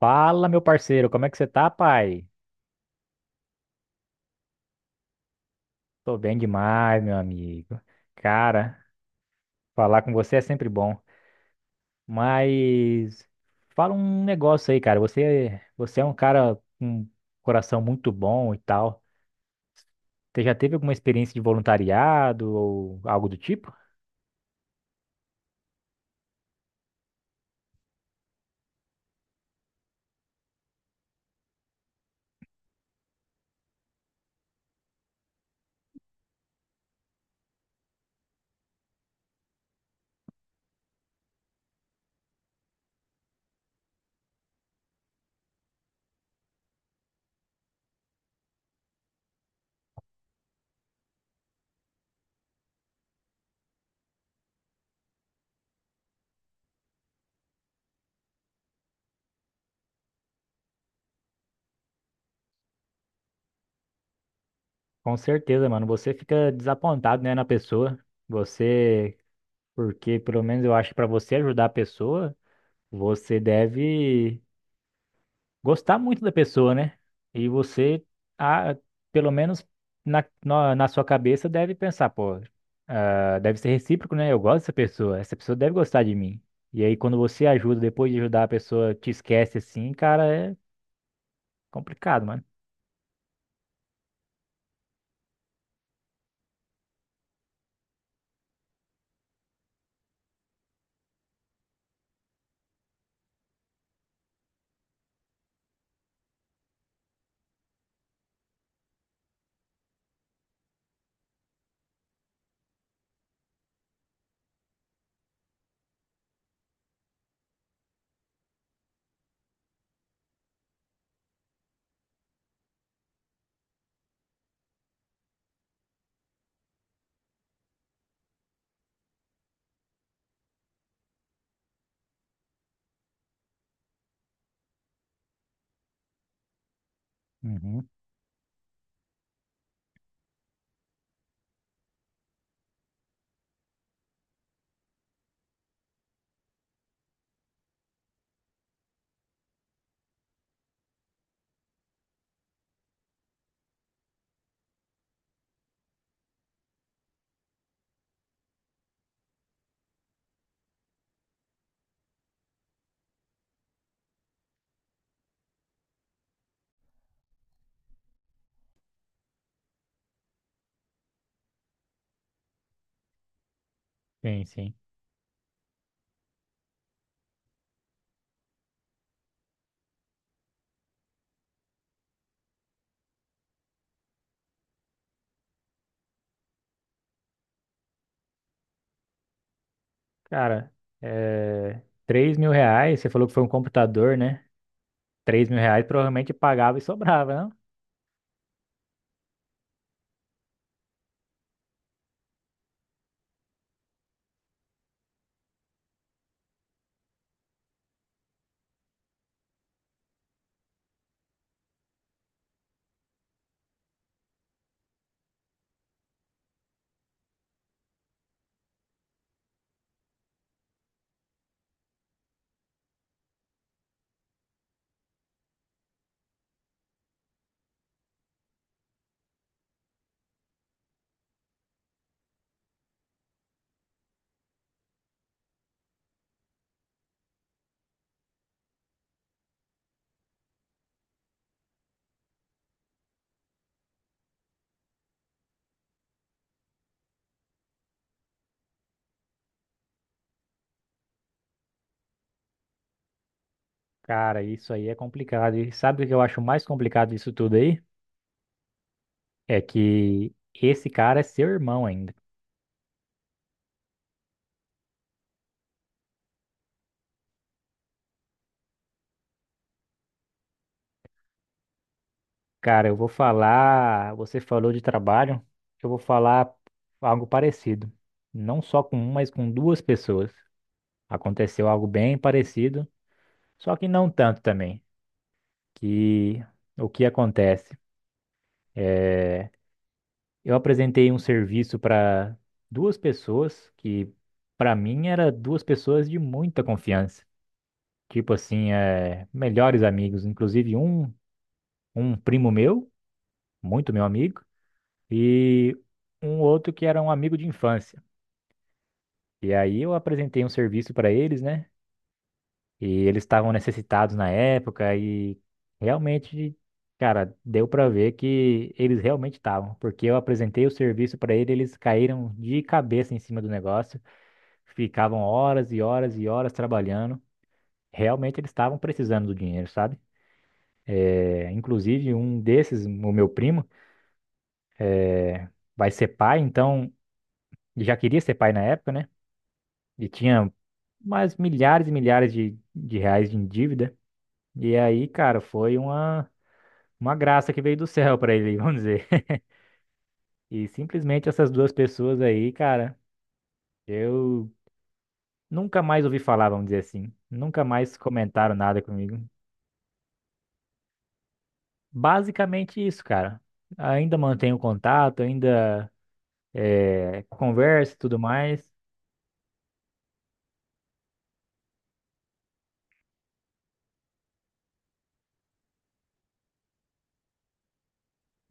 Fala, meu parceiro, como é que você tá, pai? Tô bem demais, meu amigo. Cara, falar com você é sempre bom. Mas fala um negócio aí, cara. Você é um cara com um coração muito bom e tal. Você já teve alguma experiência de voluntariado ou algo do tipo? Com certeza, mano. Você fica desapontado, né, na pessoa. Você, porque pelo menos eu acho que pra você ajudar a pessoa, você deve gostar muito da pessoa, né? E você, ah, pelo menos na sua cabeça, deve pensar, pô, ah, deve ser recíproco, né? Eu gosto dessa pessoa, essa pessoa deve gostar de mim. E aí, quando você ajuda, depois de ajudar a pessoa, te esquece assim, cara, é complicado, mano. Uhum. Sim, sim. Cara, é... 3 mil reais, você falou que foi um computador, né? 3 mil reais provavelmente pagava e sobrava, não? Cara, isso aí é complicado. E sabe o que eu acho mais complicado disso tudo aí? É que esse cara é seu irmão ainda. Cara, eu vou falar. Você falou de trabalho, eu vou falar algo parecido. Não só com um, mas com duas pessoas. Aconteceu algo bem parecido, só que não tanto também. Que o que acontece? É, eu apresentei um serviço para duas pessoas que, para mim, eram duas pessoas de muita confiança. Tipo assim, é, melhores amigos. Inclusive, um primo meu, muito meu amigo, e um outro que era um amigo de infância. E aí eu apresentei um serviço para eles, né? E eles estavam necessitados na época e realmente, cara, deu para ver que eles realmente estavam, porque eu apresentei o serviço para eles, eles caíram de cabeça em cima do negócio, ficavam horas e horas e horas trabalhando. Realmente eles estavam precisando do dinheiro, sabe? É, inclusive um desses, o meu primo, vai ser pai, então já queria ser pai na época, né? E tinha mas milhares e milhares de reais em dívida. E aí, cara, foi uma graça que veio do céu pra ele, vamos dizer. E simplesmente essas duas pessoas aí, cara, eu nunca mais ouvi falar, vamos dizer assim. Nunca mais comentaram nada comigo. Basicamente isso, cara. Ainda mantenho contato, ainda converso e tudo mais.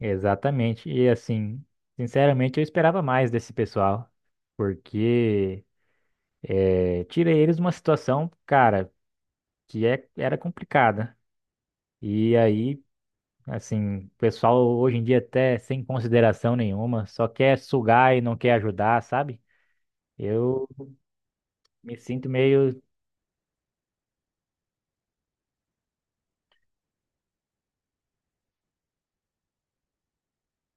Exatamente. E assim, sinceramente, eu esperava mais desse pessoal. Porque é, tirei eles de uma situação, cara, que é, era complicada. E aí, assim, o pessoal hoje em dia até sem consideração nenhuma, só quer sugar e não quer ajudar, sabe? Eu me sinto meio,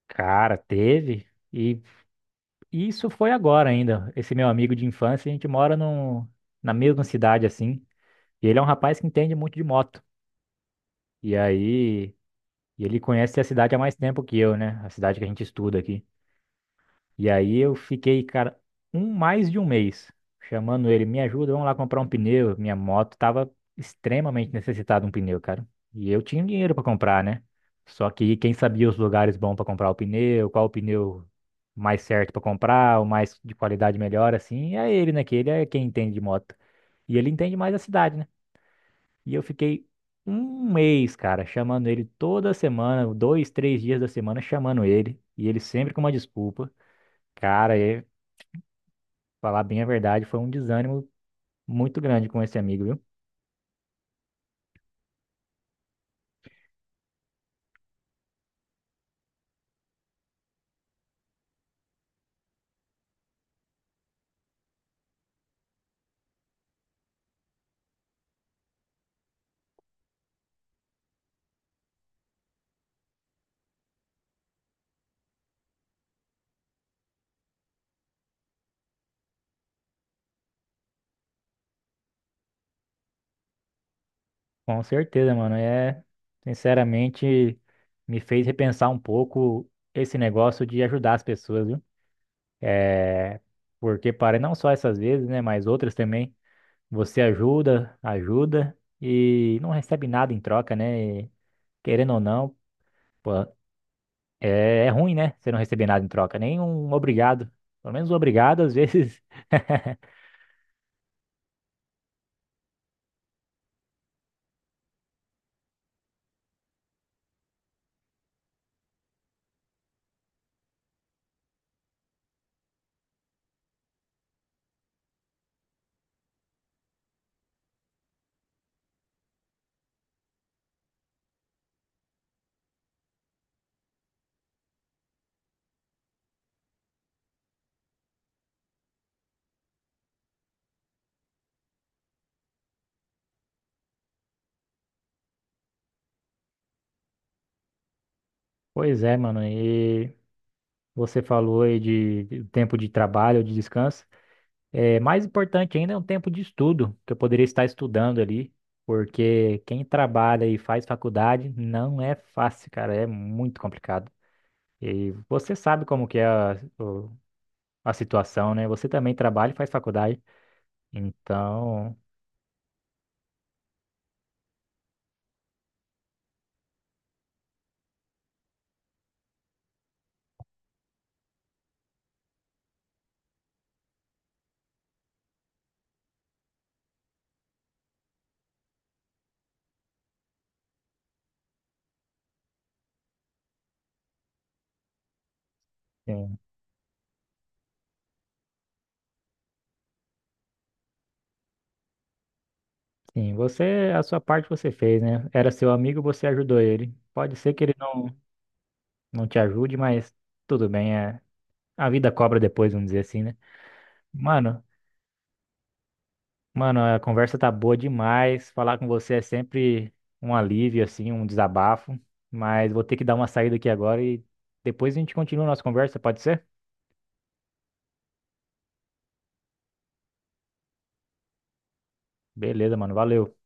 cara, teve. E isso foi agora ainda. Esse meu amigo de infância, a gente mora num, na mesma cidade, assim. E ele é um rapaz que entende muito de moto. E aí, e ele conhece a cidade há mais tempo que eu, né? A cidade que a gente estuda aqui. E aí eu fiquei, cara, mais de um mês chamando ele, me ajuda, vamos lá comprar um pneu. Minha moto tava extremamente necessitada de um pneu, cara. E eu tinha um dinheiro para comprar, né? Só que quem sabia os lugares bons para comprar o pneu, qual o pneu mais certo para comprar, o mais de qualidade melhor, assim, é ele, né? Que ele é quem entende de moto. E ele entende mais da cidade, né? E eu fiquei um mês, cara, chamando ele toda semana, dois, três dias da semana, chamando ele. E ele sempre com uma desculpa. Cara, falar bem a verdade, foi um desânimo muito grande com esse amigo, viu? Com certeza, mano. É, sinceramente, me fez repensar um pouco esse negócio de ajudar as pessoas, viu? É, porque para não só essas vezes, né, mas outras também, você ajuda, ajuda e não recebe nada em troca, né? E, querendo ou não, pô, é, é ruim, né? Você não receber nada em troca, nem um obrigado. Pelo menos um obrigado, às vezes. Pois é, mano. E você falou aí de tempo de trabalho ou de descanso. É, mais importante ainda é um tempo de estudo, que eu poderia estar estudando ali, porque quem trabalha e faz faculdade não é fácil, cara, é muito complicado. E você sabe como que é o- a situação, né? Você também trabalha e faz faculdade. Então, sim, sim, você, a sua parte você fez, né? Era seu amigo, você ajudou ele. Pode ser que ele não, não te ajude, mas tudo bem, é, a vida cobra depois, vamos dizer assim, né? Mano, mano, a conversa tá boa demais. Falar com você é sempre um alívio, assim, um desabafo. Mas vou ter que dar uma saída aqui agora e depois a gente continua a nossa conversa, pode ser? Beleza, mano. Valeu.